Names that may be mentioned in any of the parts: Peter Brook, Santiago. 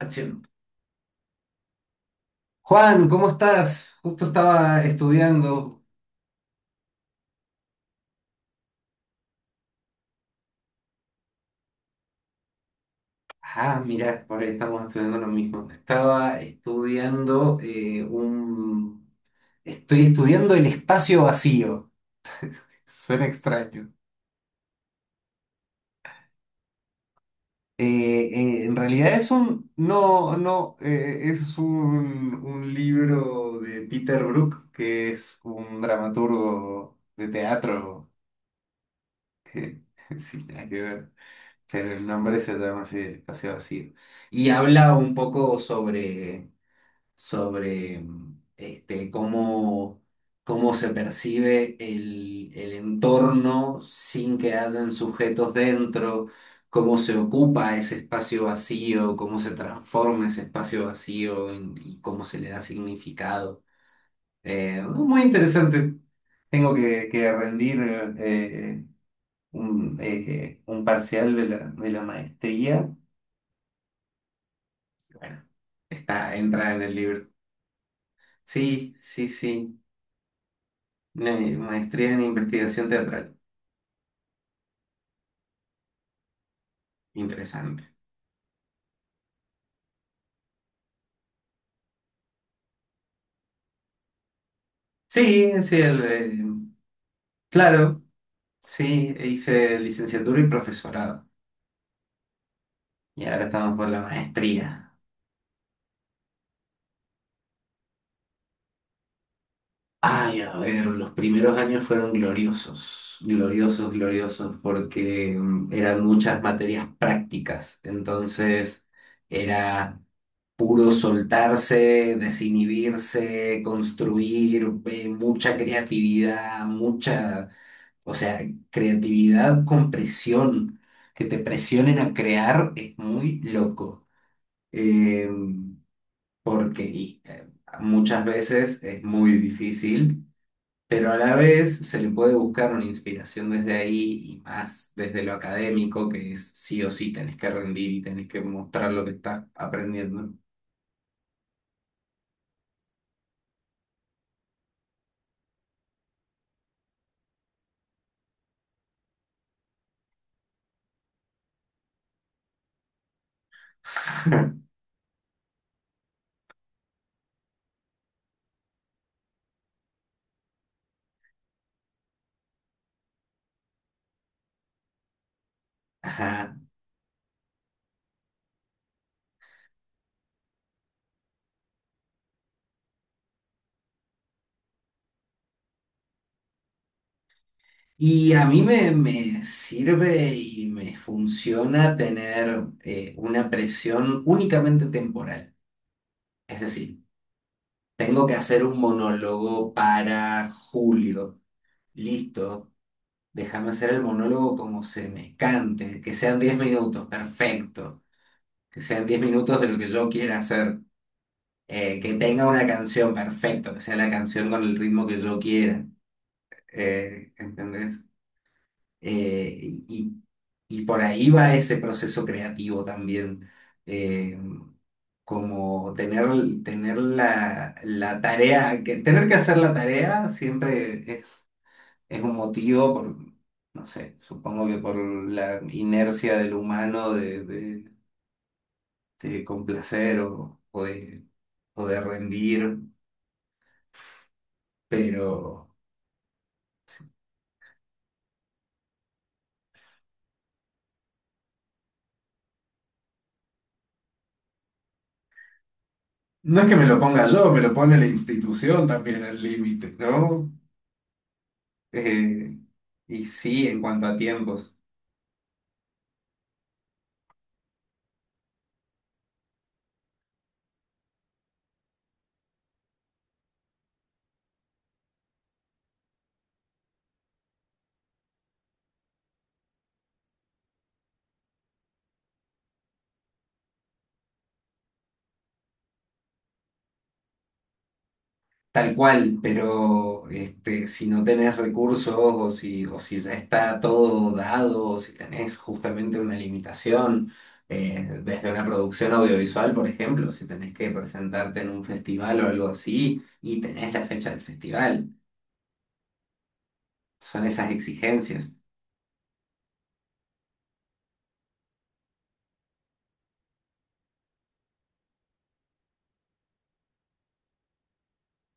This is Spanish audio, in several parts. Action. Juan, ¿cómo estás? Justo estaba estudiando. Ah, mira, por ahí estamos estudiando lo mismo. Estaba estudiando un. Estoy estudiando el espacio vacío. Suena extraño. En realidad es un. No, no. Es un libro de Peter Brook, que es un dramaturgo de teatro. Sí, nada que ver, pero el nombre se llama así, espacio vacío. Y habla un poco sobre, este, cómo se percibe el entorno sin que hayan sujetos dentro, cómo se ocupa ese espacio vacío, cómo se transforma ese espacio vacío y cómo se le da significado. Muy interesante. Tengo que rendir eh, un parcial de la maestría. Bueno, entra en el libro. Sí, sí, sí. Maestría en investigación teatral. Interesante. Sí, sí, claro, sí, hice licenciatura y profesorado. Y ahora estamos por la maestría. Ay, a ver, los primeros años fueron gloriosos, gloriosos, gloriosos, porque eran muchas materias prácticas. Entonces, era puro soltarse, desinhibirse, construir, mucha creatividad, o sea, creatividad con presión, que te presionen a crear es muy loco. Eh, porque y, eh, Muchas veces es muy difícil. Pero a la vez se le puede buscar una inspiración desde ahí y más desde lo académico, que es sí o sí tenés que rendir y tenés que mostrar lo que estás aprendiendo. Ajá. Y a mí me sirve y me funciona tener una presión únicamente temporal. Es decir, tengo que hacer un monólogo para julio. Listo, déjame hacer el monólogo como se me cante, que sean 10 minutos, perfecto. Que sean diez minutos de lo que yo quiera hacer. Que tenga una canción, perfecto, que sea la canción con el ritmo que yo quiera. ¿Entendés? Eh, y, y por ahí va ese proceso creativo también, eh, como tener la tarea, tener que hacer la tarea siempre es un motivo por, no sé, supongo que por la inercia del humano de complacer o de rendir, pero no es que me lo ponga yo, me lo pone la institución también el límite, ¿no? Eh, y sí, en cuanto a tiempos, tal cual, pero este, si no tenés recursos o si ya está todo dado, o si tenés justamente una limitación, desde una producción audiovisual, por ejemplo, si tenés que presentarte en un festival o algo así y tenés la fecha del festival, son esas exigencias.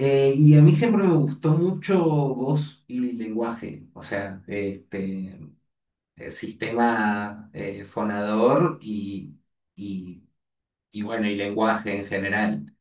Y a mí siempre me gustó mucho voz y lenguaje, o sea, este, sistema fonador y, y, bueno, y lenguaje en general,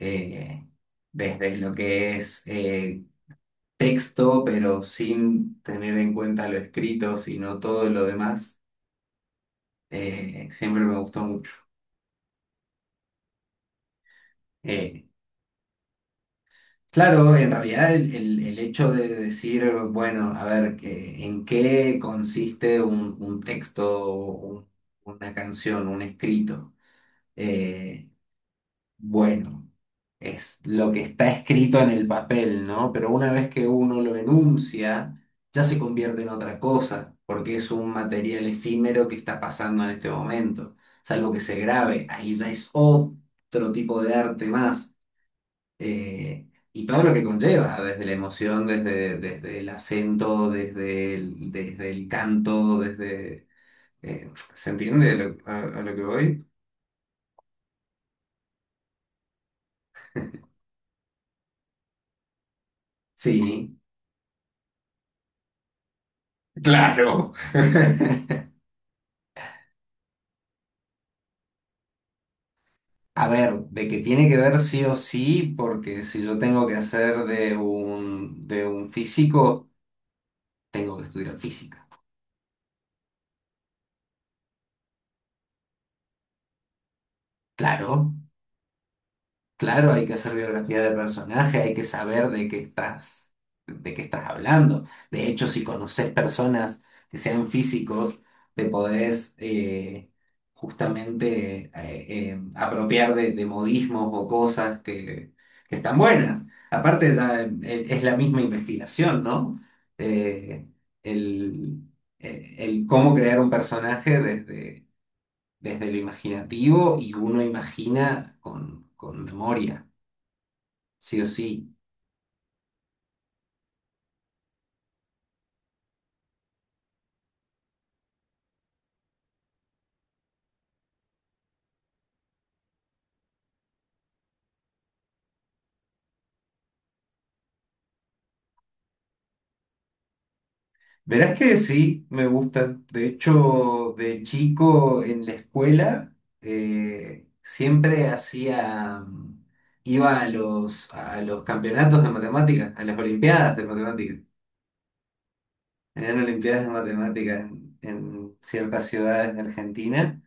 eh, desde lo que es texto, pero sin tener en cuenta lo escrito, sino todo lo demás, siempre me gustó mucho. Eh, claro, en realidad el hecho de decir, bueno, a ver, ¿en qué consiste un texto, o una canción, un escrito? Eh, bueno, es lo que está escrito en el papel, ¿no? Pero una vez que uno lo enuncia, ya se convierte en otra cosa, porque es un material efímero que está pasando en este momento. Salvo que se grabe, ahí ya es otro tipo de arte más. eh, y todo lo que conlleva, desde la emoción, desde el acento, desde el canto. ¿Se entiende a lo que voy? Sí, claro. A ver, de que tiene que ver sí o sí, porque si yo tengo que hacer de un físico, tengo que estudiar física. Claro. Claro, hay que hacer biografía de personaje, hay que saber de qué estás hablando. De hecho, si conoces personas que sean físicos, te podés justamente apropiar de modismos o cosas que están buenas. Aparte, ya es la misma investigación, ¿no? Eh, el, el cómo crear un personaje desde lo imaginativo y uno imagina con memoria. Sí o sí. Verás que sí, me gustan. De hecho, de chico en la escuela eh, siempre hacía, mm, iba a los campeonatos de matemáticas, a las olimpiadas de matemáticas. Eran olimpiadas de matemáticas en ciertas ciudades de Argentina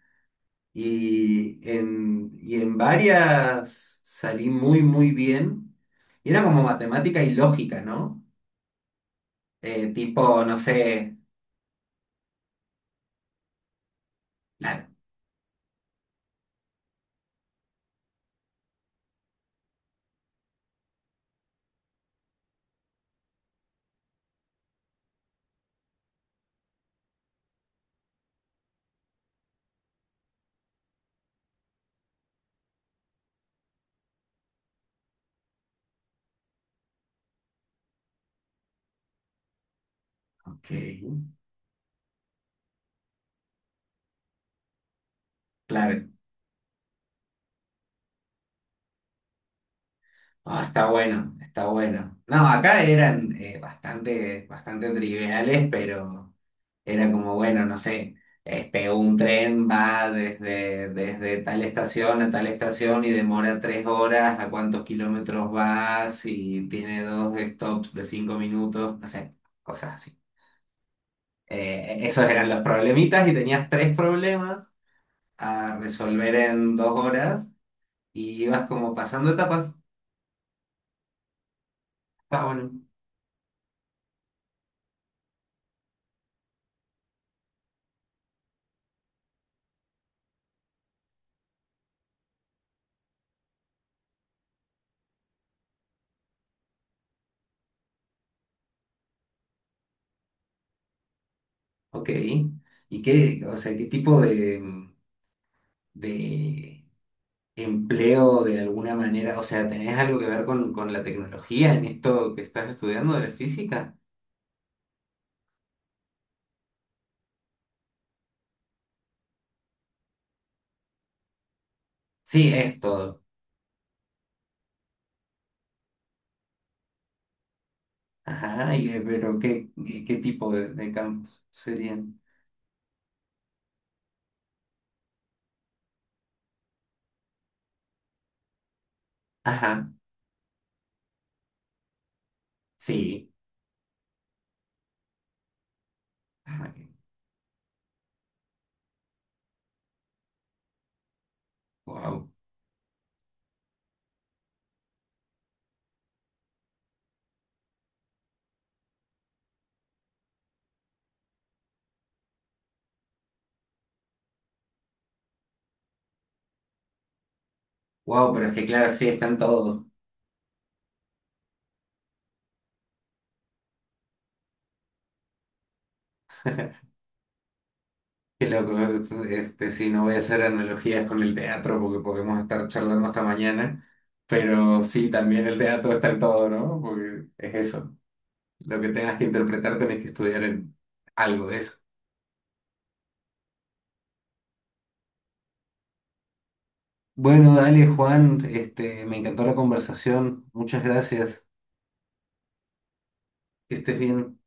y en varias salí muy, muy bien. Y era como matemática y lógica, ¿no? Tipo, no sé, claro, ok. Claro. Ah, está bueno, está bueno. No, acá eran bastante, bastante triviales, pero era como, bueno, no sé, este, un tren va desde tal estación a tal estación y demora 3 horas, a cuántos kilómetros vas y tiene dos stops de 5 minutos, no sé, cosas así. Esos eran los problemitas y tenías tres problemas a resolver en 2 horas y ibas como pasando etapas. Está bueno. Ok. ¿Y o sea, qué tipo de empleo de alguna manera? O sea, ¿tenés algo que ver con la tecnología en esto que estás estudiando de la física? Sí, es todo. Ajá, pero ¿ qué tipo de campos serían? Ajá, sí. Wow. Wow, pero es que claro, sí, están todos. Qué loco, este, sí, no voy a hacer analogías con el teatro porque podemos estar charlando hasta mañana, pero sí, también el teatro está en todo, ¿no? Porque es eso, lo que tengas que interpretar tenés que estudiar en algo de eso. Bueno, dale, Juan, este, me encantó la conversación, muchas gracias, que estés bien.